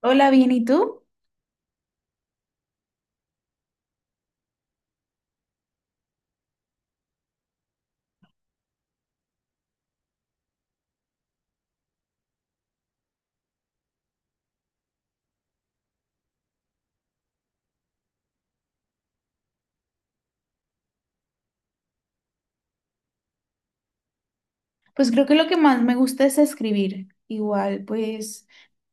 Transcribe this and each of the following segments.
Hola, bien, ¿y tú? Pues creo que lo que más me gusta es escribir. Igual, pues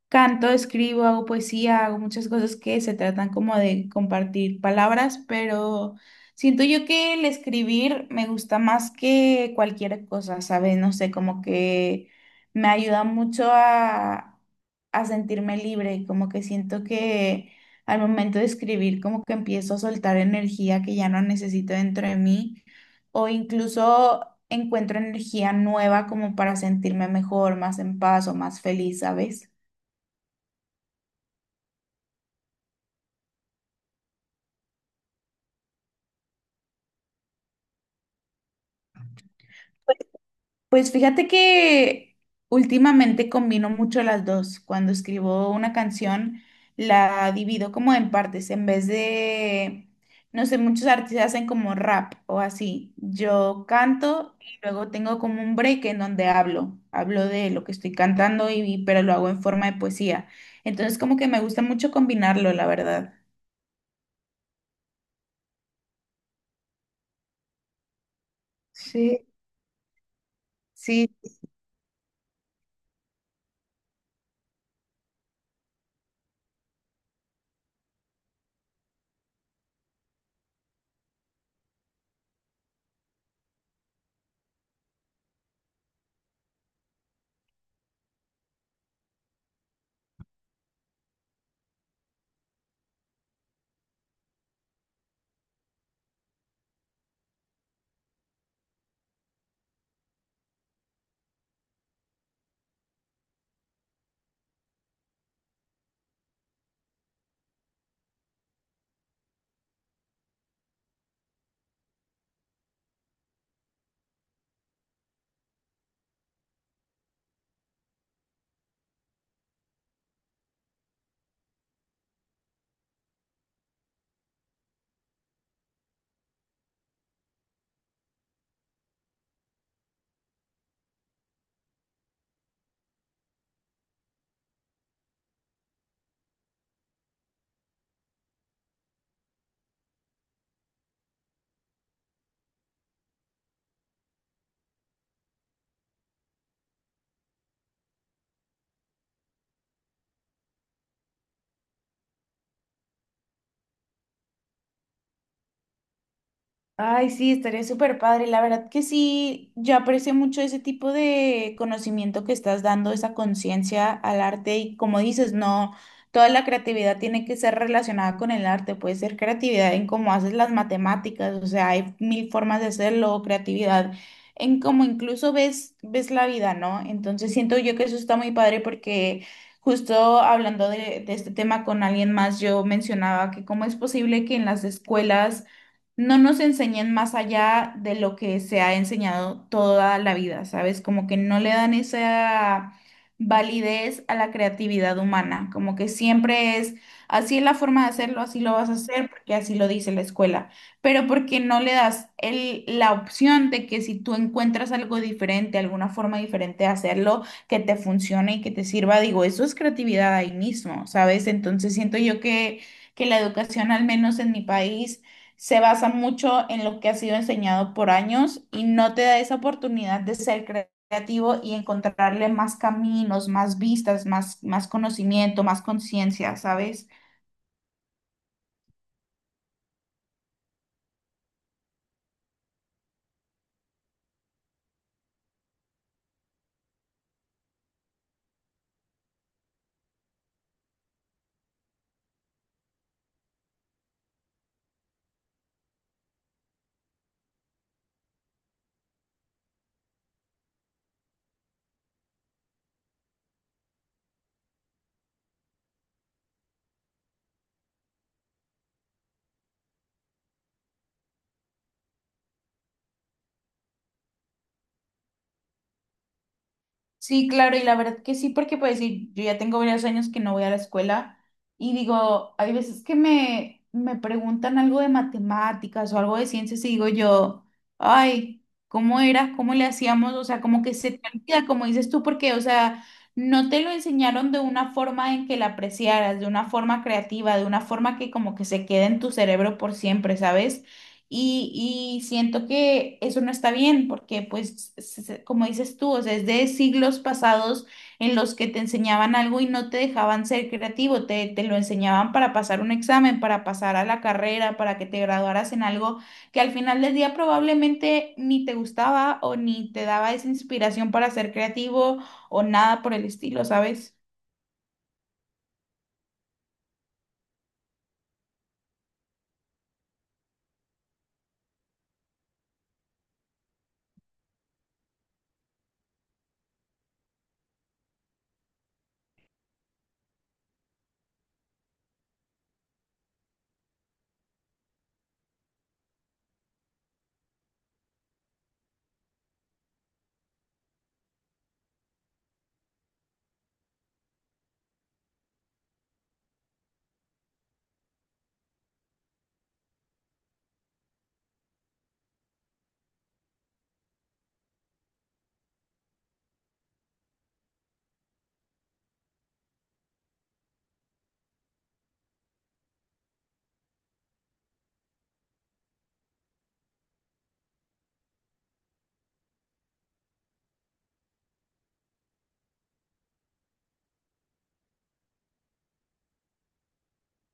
canto, escribo, hago poesía, hago muchas cosas que se tratan como de compartir palabras, pero siento yo que el escribir me gusta más que cualquier cosa, ¿sabes? No sé, como que me ayuda mucho a sentirme libre, como que siento que al momento de escribir como que empiezo a soltar energía que ya no necesito dentro de mí o incluso encuentro energía nueva como para sentirme mejor, más en paz o más feliz, ¿sabes? Pues fíjate que últimamente combino mucho las dos. Cuando escribo una canción, la divido como en partes. En vez de, no sé, muchos artistas hacen como rap o así. Yo canto y luego tengo como un break en donde hablo. Hablo de lo que estoy cantando pero lo hago en forma de poesía. Entonces como que me gusta mucho combinarlo, la verdad. Sí. Sí. Ay, sí, estaría súper padre. La verdad que sí, yo aprecio mucho ese tipo de conocimiento que estás dando, esa conciencia al arte y como dices, no, toda la creatividad tiene que ser relacionada con el arte, puede ser creatividad en cómo haces las matemáticas, o sea, hay mil formas de hacerlo, creatividad en cómo incluso ves la vida, ¿no? Entonces siento yo que eso está muy padre porque… Justo hablando de este tema con alguien más, yo mencionaba que cómo es posible que en las escuelas no nos enseñan más allá de lo que se ha enseñado toda la vida, ¿sabes? Como que no le dan esa validez a la creatividad humana, como que siempre es, así es la forma de hacerlo, así lo vas a hacer, porque así lo dice la escuela, pero porque no le das el, la opción de que si tú encuentras algo diferente, alguna forma diferente de hacerlo, que te funcione y que te sirva, digo, eso es creatividad ahí mismo, ¿sabes? Entonces siento yo que la educación, al menos en mi país, se basa mucho en lo que ha sido enseñado por años y no te da esa oportunidad de ser creativo y encontrarle más caminos, más vistas, más, más conocimiento, más conciencia, ¿sabes? Sí, claro, y la verdad que sí, porque pues sí, yo ya tengo varios años que no voy a la escuela y digo, hay veces que me preguntan algo de matemáticas o algo de ciencias y digo yo, ay, ¿cómo era? ¿Cómo le hacíamos? O sea, como que se te olvida, como dices tú, porque, o sea, no te lo enseñaron de una forma en que la apreciaras, de una forma creativa, de una forma que como que se quede en tu cerebro por siempre, ¿sabes? Y siento que eso no está bien porque, pues, como dices tú, o sea, es de siglos pasados en los que te enseñaban algo y no te dejaban ser creativo, te lo enseñaban para pasar un examen, para pasar a la carrera, para que te graduaras en algo que al final del día probablemente ni te gustaba o ni te daba esa inspiración para ser creativo o nada por el estilo, ¿sabes?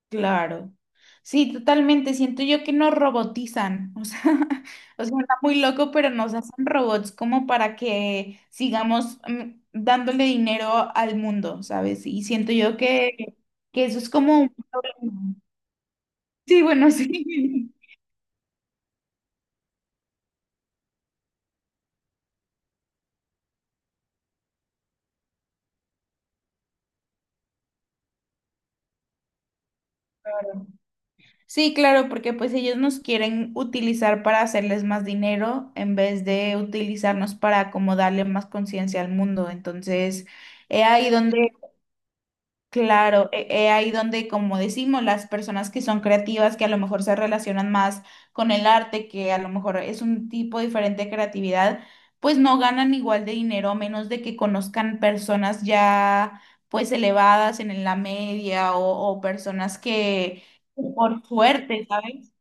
Claro. Sí, totalmente. Siento yo que nos robotizan. O sea, o sea, está muy loco, pero nos hacen robots como para que sigamos dándole dinero al mundo, ¿sabes? Y siento yo que eso es como un problema. Sí, bueno, sí. Sí, claro, porque pues ellos nos quieren utilizar para hacerles más dinero en vez de utilizarnos para como darle más conciencia al mundo. Entonces, es ahí donde claro, ahí donde, como decimos, las personas que son creativas, que a lo mejor se relacionan más con el arte, que a lo mejor es un tipo diferente de creatividad, pues no ganan igual de dinero, a menos de que conozcan personas ya pues elevadas en la media o personas que por suerte, ¿sabes?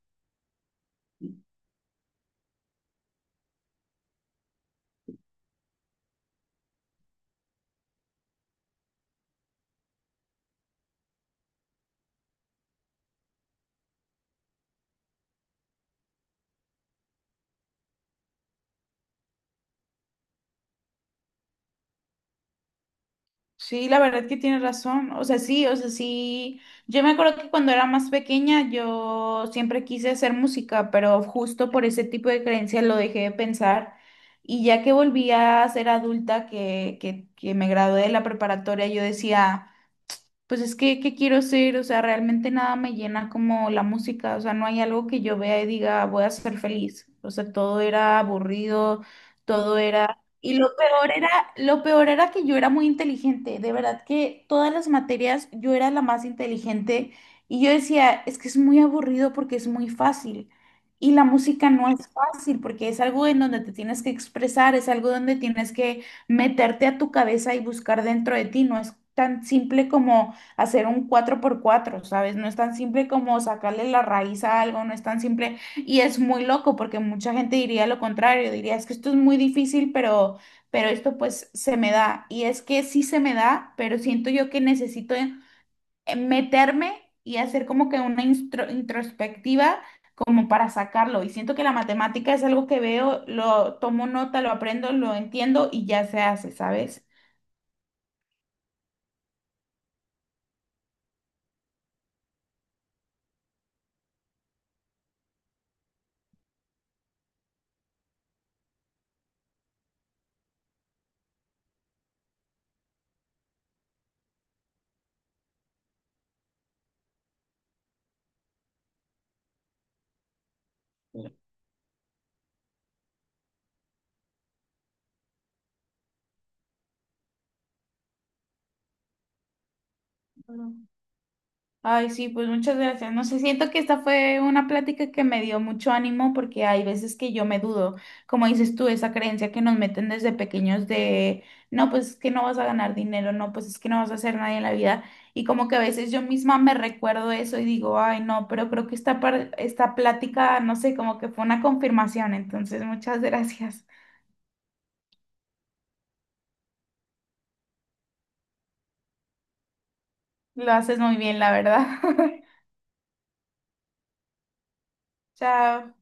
Sí, la verdad que tienes razón. O sea, sí, o sea, sí. Yo me acuerdo que cuando era más pequeña yo siempre quise hacer música, pero justo por ese tipo de creencias lo dejé de pensar. Y ya que volví a ser adulta, que me gradué de la preparatoria, yo decía… Pues es que, ¿qué quiero ser? O sea, realmente nada me llena como la música, o sea, no hay algo que yo vea y diga, voy a ser feliz. O sea, todo era aburrido, todo era… Y lo peor era que yo era muy inteligente, de verdad que todas las materias yo era la más inteligente y yo decía, es que es muy aburrido porque es muy fácil. Y la música no es fácil porque es algo en donde te tienes que expresar, es algo donde tienes que meterte a tu cabeza y buscar dentro de ti, no es tan simple como hacer un cuatro por cuatro, sabes. No es tan simple como sacarle la raíz a algo, no es tan simple y es muy loco porque mucha gente diría lo contrario, diría, es que esto es muy difícil, pero esto pues se me da y es que sí se me da, pero siento yo que necesito meterme y hacer como que una introspectiva como para sacarlo y siento que la matemática es algo que veo, lo tomo nota, lo aprendo, lo entiendo y ya se hace, ¿sabes? Ay, sí, pues muchas gracias. No sé, siento que esta fue una plática que me dio mucho ánimo porque hay veces que yo me dudo, como dices tú, esa creencia que nos meten desde pequeños de, no, pues es que no vas a ganar dinero, no, pues es que no vas a hacer nada en la vida. Y como que a veces yo misma me recuerdo eso y digo, ay, no, pero creo que esta, esta plática, no sé, como que fue una confirmación. Entonces, muchas gracias. Lo haces muy bien, la verdad. Chao.